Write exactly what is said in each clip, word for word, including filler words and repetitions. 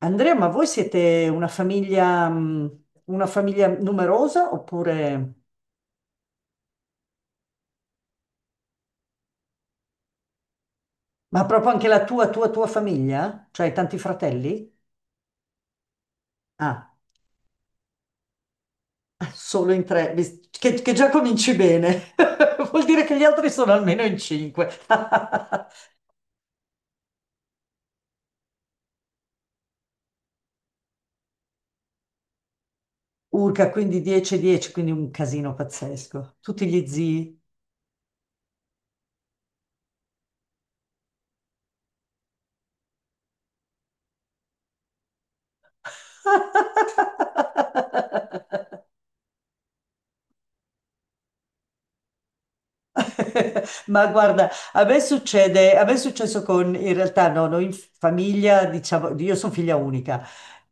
Andrea, ma voi siete una famiglia, mh, una famiglia numerosa oppure. Ma proprio anche la tua, tua, tua famiglia? Cioè hai tanti fratelli? Ah, solo in tre, vis- che, che già cominci bene. Vuol dire che gli altri sono almeno in cinque. Urca, quindi dieci dieci, quindi un casino pazzesco. Tutti gli zii. Ma guarda, a me succede, a me è successo con, in realtà no, noi in famiglia, diciamo, io sono figlia unica,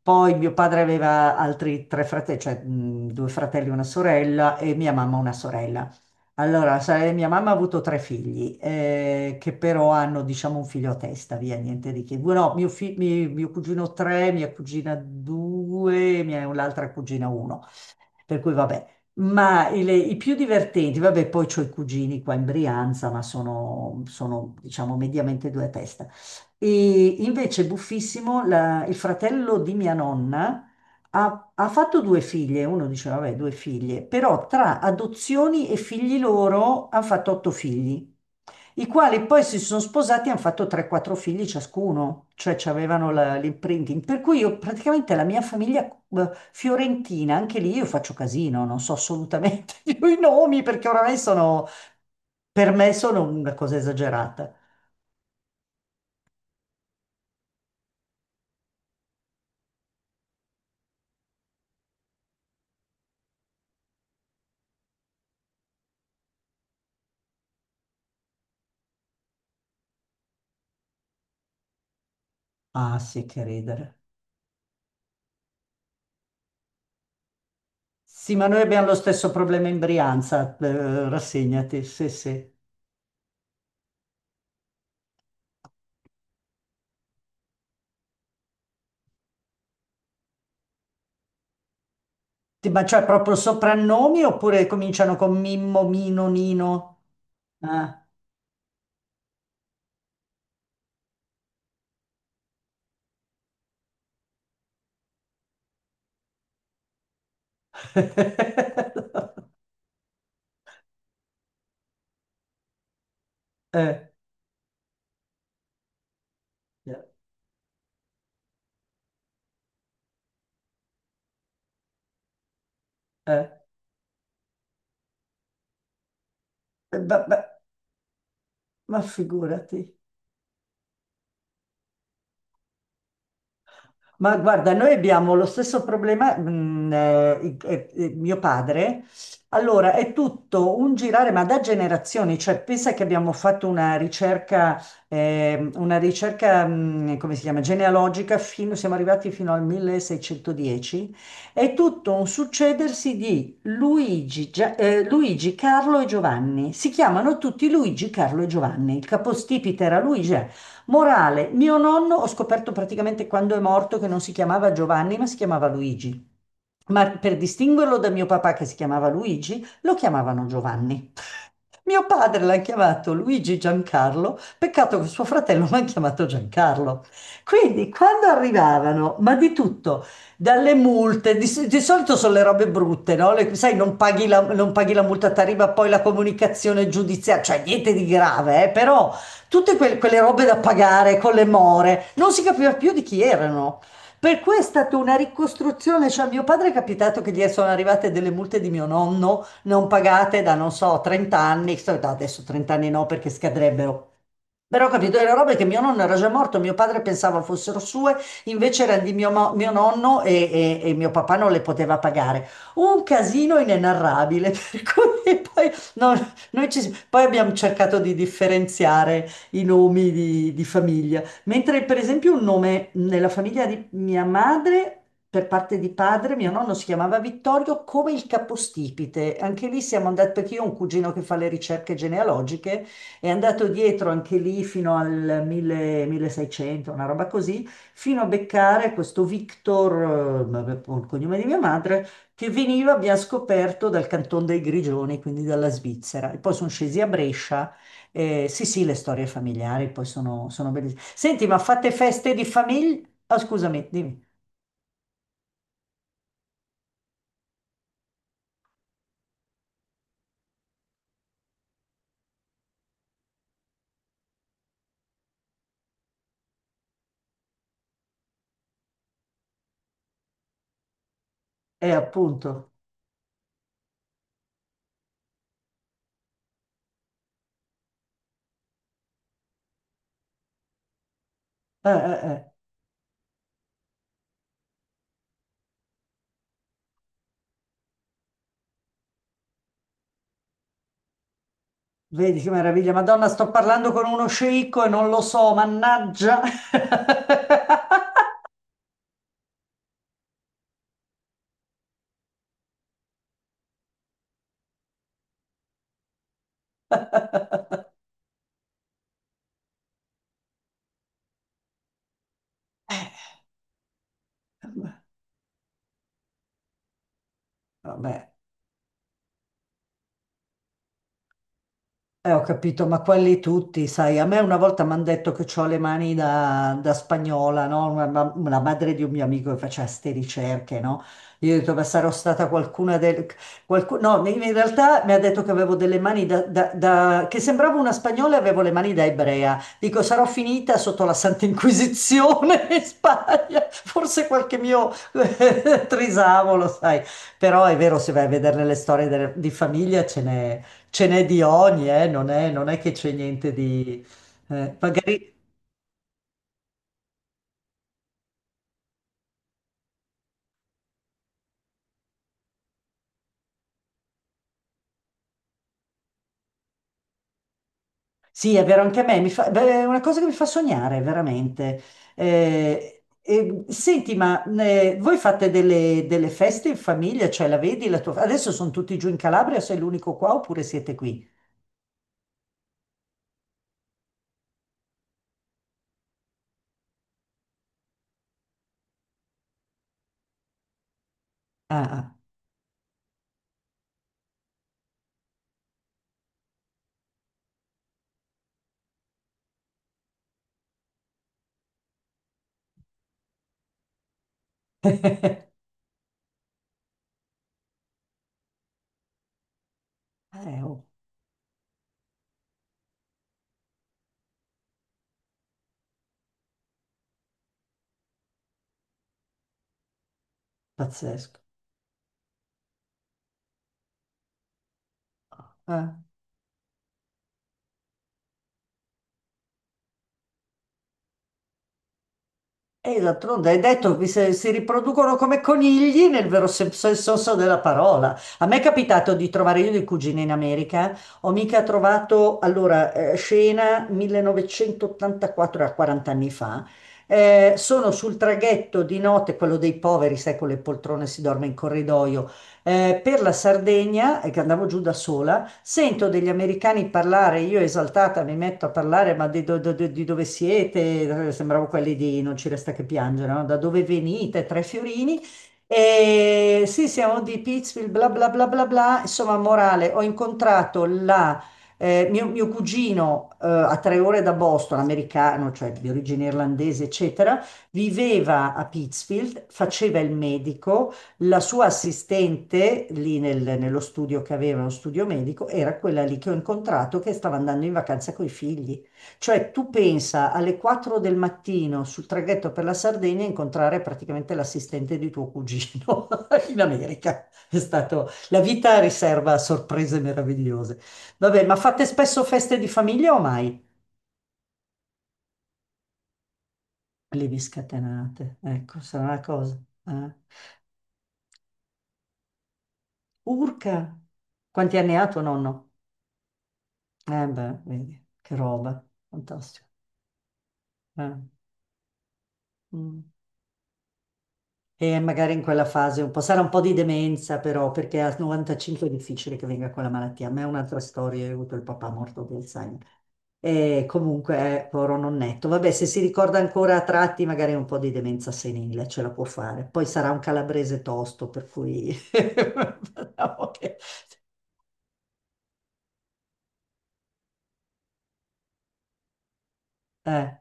poi mio padre aveva altri tre fratelli, cioè mh, due fratelli e una sorella e mia mamma una sorella. Allora, sai, mia mamma ha avuto tre figli, eh, che però hanno, diciamo, un figlio a testa, via, niente di che. No, mio, fi- mi- mio cugino tre, mia cugina due, mia- l'altra cugina uno. Per cui vabbè, ma i, le- i più divertenti, vabbè, poi ho i cugini qua in Brianza, ma sono, sono, diciamo mediamente due a testa. E invece buffissimo, la- il fratello di mia nonna ha, ha fatto due figlie, uno diceva, vabbè, due figlie, però tra adozioni e figli loro hanno fatto otto figli i quali poi si sono sposati e hanno fatto tre quattro figli ciascuno, cioè ci avevano la- l'imprinting. Per cui io praticamente la mia famiglia eh, fiorentina, anche lì io faccio casino, non so assolutamente più i nomi perché oramai sono, per me sono una cosa esagerata. Ah sì, che ridere. Sì, ma noi abbiamo lo stesso problema in Brianza, eh, rassegnati, sì, sì. Ti- Ma cioè proprio soprannomi oppure cominciano con Mimmo, Mino, Nino? Ah. Eh. Eh, eh, beh, beh, ma figurati. Ma guarda, noi abbiamo lo stesso problema, mm, eh, i- eh, eh, mio padre. Allora, è tutto un girare, ma da generazioni, cioè pensa che abbiamo fatto una ricerca, ehm, una ricerca, mm, come si chiama, genealogica, fino, siamo arrivati fino al milleseicentodieci, è tutto un succedersi di Luigi, Gia- eh, Luigi, Carlo e Giovanni. Si chiamano tutti Luigi, Carlo e Giovanni. Il capostipite era Luigi. Eh. Morale, mio nonno ho scoperto praticamente quando è morto che non si chiamava Giovanni, ma si chiamava Luigi. Ma per distinguerlo da mio papà che si chiamava Luigi, lo chiamavano Giovanni. Mio padre l'ha chiamato Luigi Giancarlo, peccato che suo fratello l'ha chiamato Giancarlo. Quindi quando arrivavano, ma di tutto, dalle multe, di, s- di solito sono le robe brutte, no? Le- sai, non paghi la, non paghi la multa, ti arriva poi la comunicazione giudiziaria, cioè niente di grave, eh, però tutte quel- quelle robe da pagare con le more, non si capiva più di chi erano. Per cui è stata una ricostruzione, cioè a mio padre è capitato che gli sono arrivate delle multe di mio nonno non pagate da, non so, trenta anni, sto- no, adesso trenta anni no perché scadrebbero, però ho capito, le robe che mio nonno era già morto, mio padre pensava fossero sue, invece erano di mio, mo- mio nonno e, e- e mio papà non le poteva pagare. Un casino inenarrabile, per cui poi, no, noi ci si- poi abbiamo cercato di differenziare i nomi di, di famiglia. Mentre per esempio un nome nella famiglia di mia madre, per parte di padre, mio nonno si chiamava Vittorio come il capostipite. Anche lì siamo andati, perché io ho un cugino che fa le ricerche genealogiche. È andato dietro anche lì fino al mille milleseicento, una roba così, fino a beccare questo Victor, eh, vabbè, il cognome di mia madre, che veniva, abbiamo scoperto, dal Canton dei Grigioni, quindi dalla Svizzera. E poi sono scesi a Brescia. Eh, sì, sì, le storie familiari poi sono, sono, bellissime. Senti, ma fate feste di famiglia? Ah, scusami, dimmi. Eh, appunto. Eh, eh, eh. Vedi che meraviglia. Madonna, sto parlando con uno sceicco e non lo so, mannaggia. Vabbè. Eh, ho capito, ma quelli tutti, sai, a me una volta mi hanno detto che ho le mani da, da spagnola, no? Una, ma- una madre di un mio amico che faceva ste ricerche, no? Io ho detto, ma sarò stata qualcuna del... qualcu- No, in in realtà mi ha detto che avevo delle mani da, da- da- che sembravo una spagnola e avevo le mani da ebrea. Dico, sarò finita sotto la Santa Inquisizione in Spagna, forse qualche mio trisavolo, sai. Però è vero, se vai a vedere le storie delle- di famiglia ce n'è Ce n'è di ogni, eh, Non è, non è che c'è niente di. Eh, magari. Sì, è vero, anche a me, mi fa- beh, è una cosa che mi fa sognare, veramente. Eh, eh, senti, ma eh, voi fate delle, delle feste in famiglia? Cioè, la vedi la tua. Adesso sono tutti giù in Calabria, sei l'unico qua oppure siete qui? Ah, ah, eh, oh, pazzesco. Eh. E d'altronde hai detto che se- si riproducono come conigli nel vero sen- sen- senso della parola. A me è capitato di trovare io dei cugini in America, ho mica trovato, allora, eh, scena millenovecentottantaquattro, era quaranta anni fa, eh, sono sul traghetto di notte, quello dei poveri, sai, con le poltrone si dorme in corridoio, eh, per la Sardegna, e che andavo giù da sola, sento degli americani parlare, io esaltata mi metto a parlare, ma di, do- do- do- di dove siete? Eh, Sembravo quelli di Non ci resta che piangere, no? Da dove venite? Tre fiorini. E sì, siamo di Pittsfield, bla bla bla bla bla. Insomma, morale, ho incontrato la, eh, mio, mio cugino eh, a tre ore da Boston, americano, cioè di origine irlandese, eccetera, viveva a Pittsfield, faceva il medico la sua assistente lì nel- nello studio che aveva, uno studio medico, era quella lì che ho incontrato che stava andando in vacanza coi figli. Cioè, tu pensa alle quattro del mattino sul traghetto per la Sardegna incontrare praticamente l'assistente di tuo cugino in America. È stato, la vita riserva sorprese meravigliose. Vabbè, ma fate spesso feste di famiglia o mai? Le vi scatenate. Ecco, sarà una cosa. Eh. Urca, quanti anni ha tuo nonno? Eh beh, vedi, che roba, fantastico. Eh. Mm. E magari in quella fase un po', sarà un po' di demenza però, perché a novantacinque è difficile che venga quella malattia. A me è un'altra storia, io ho avuto il papà morto di Alzheimer. E comunque, eh, povero nonnetto. Vabbè, se si ricorda ancora a tratti, magari un po' di demenza senile ce la può fare. Poi sarà un calabrese tosto, per cui. Eh,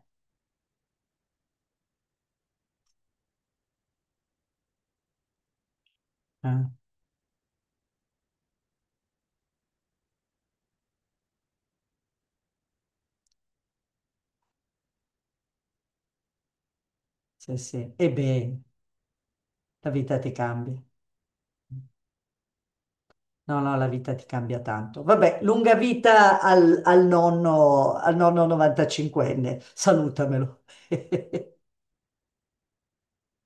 eh, sì, sì. E beh, la vita ti cambia. No, no, la vita ti cambia tanto. Vabbè, lunga vita al, al nonno, al nonno novantacinquenne, salutamelo.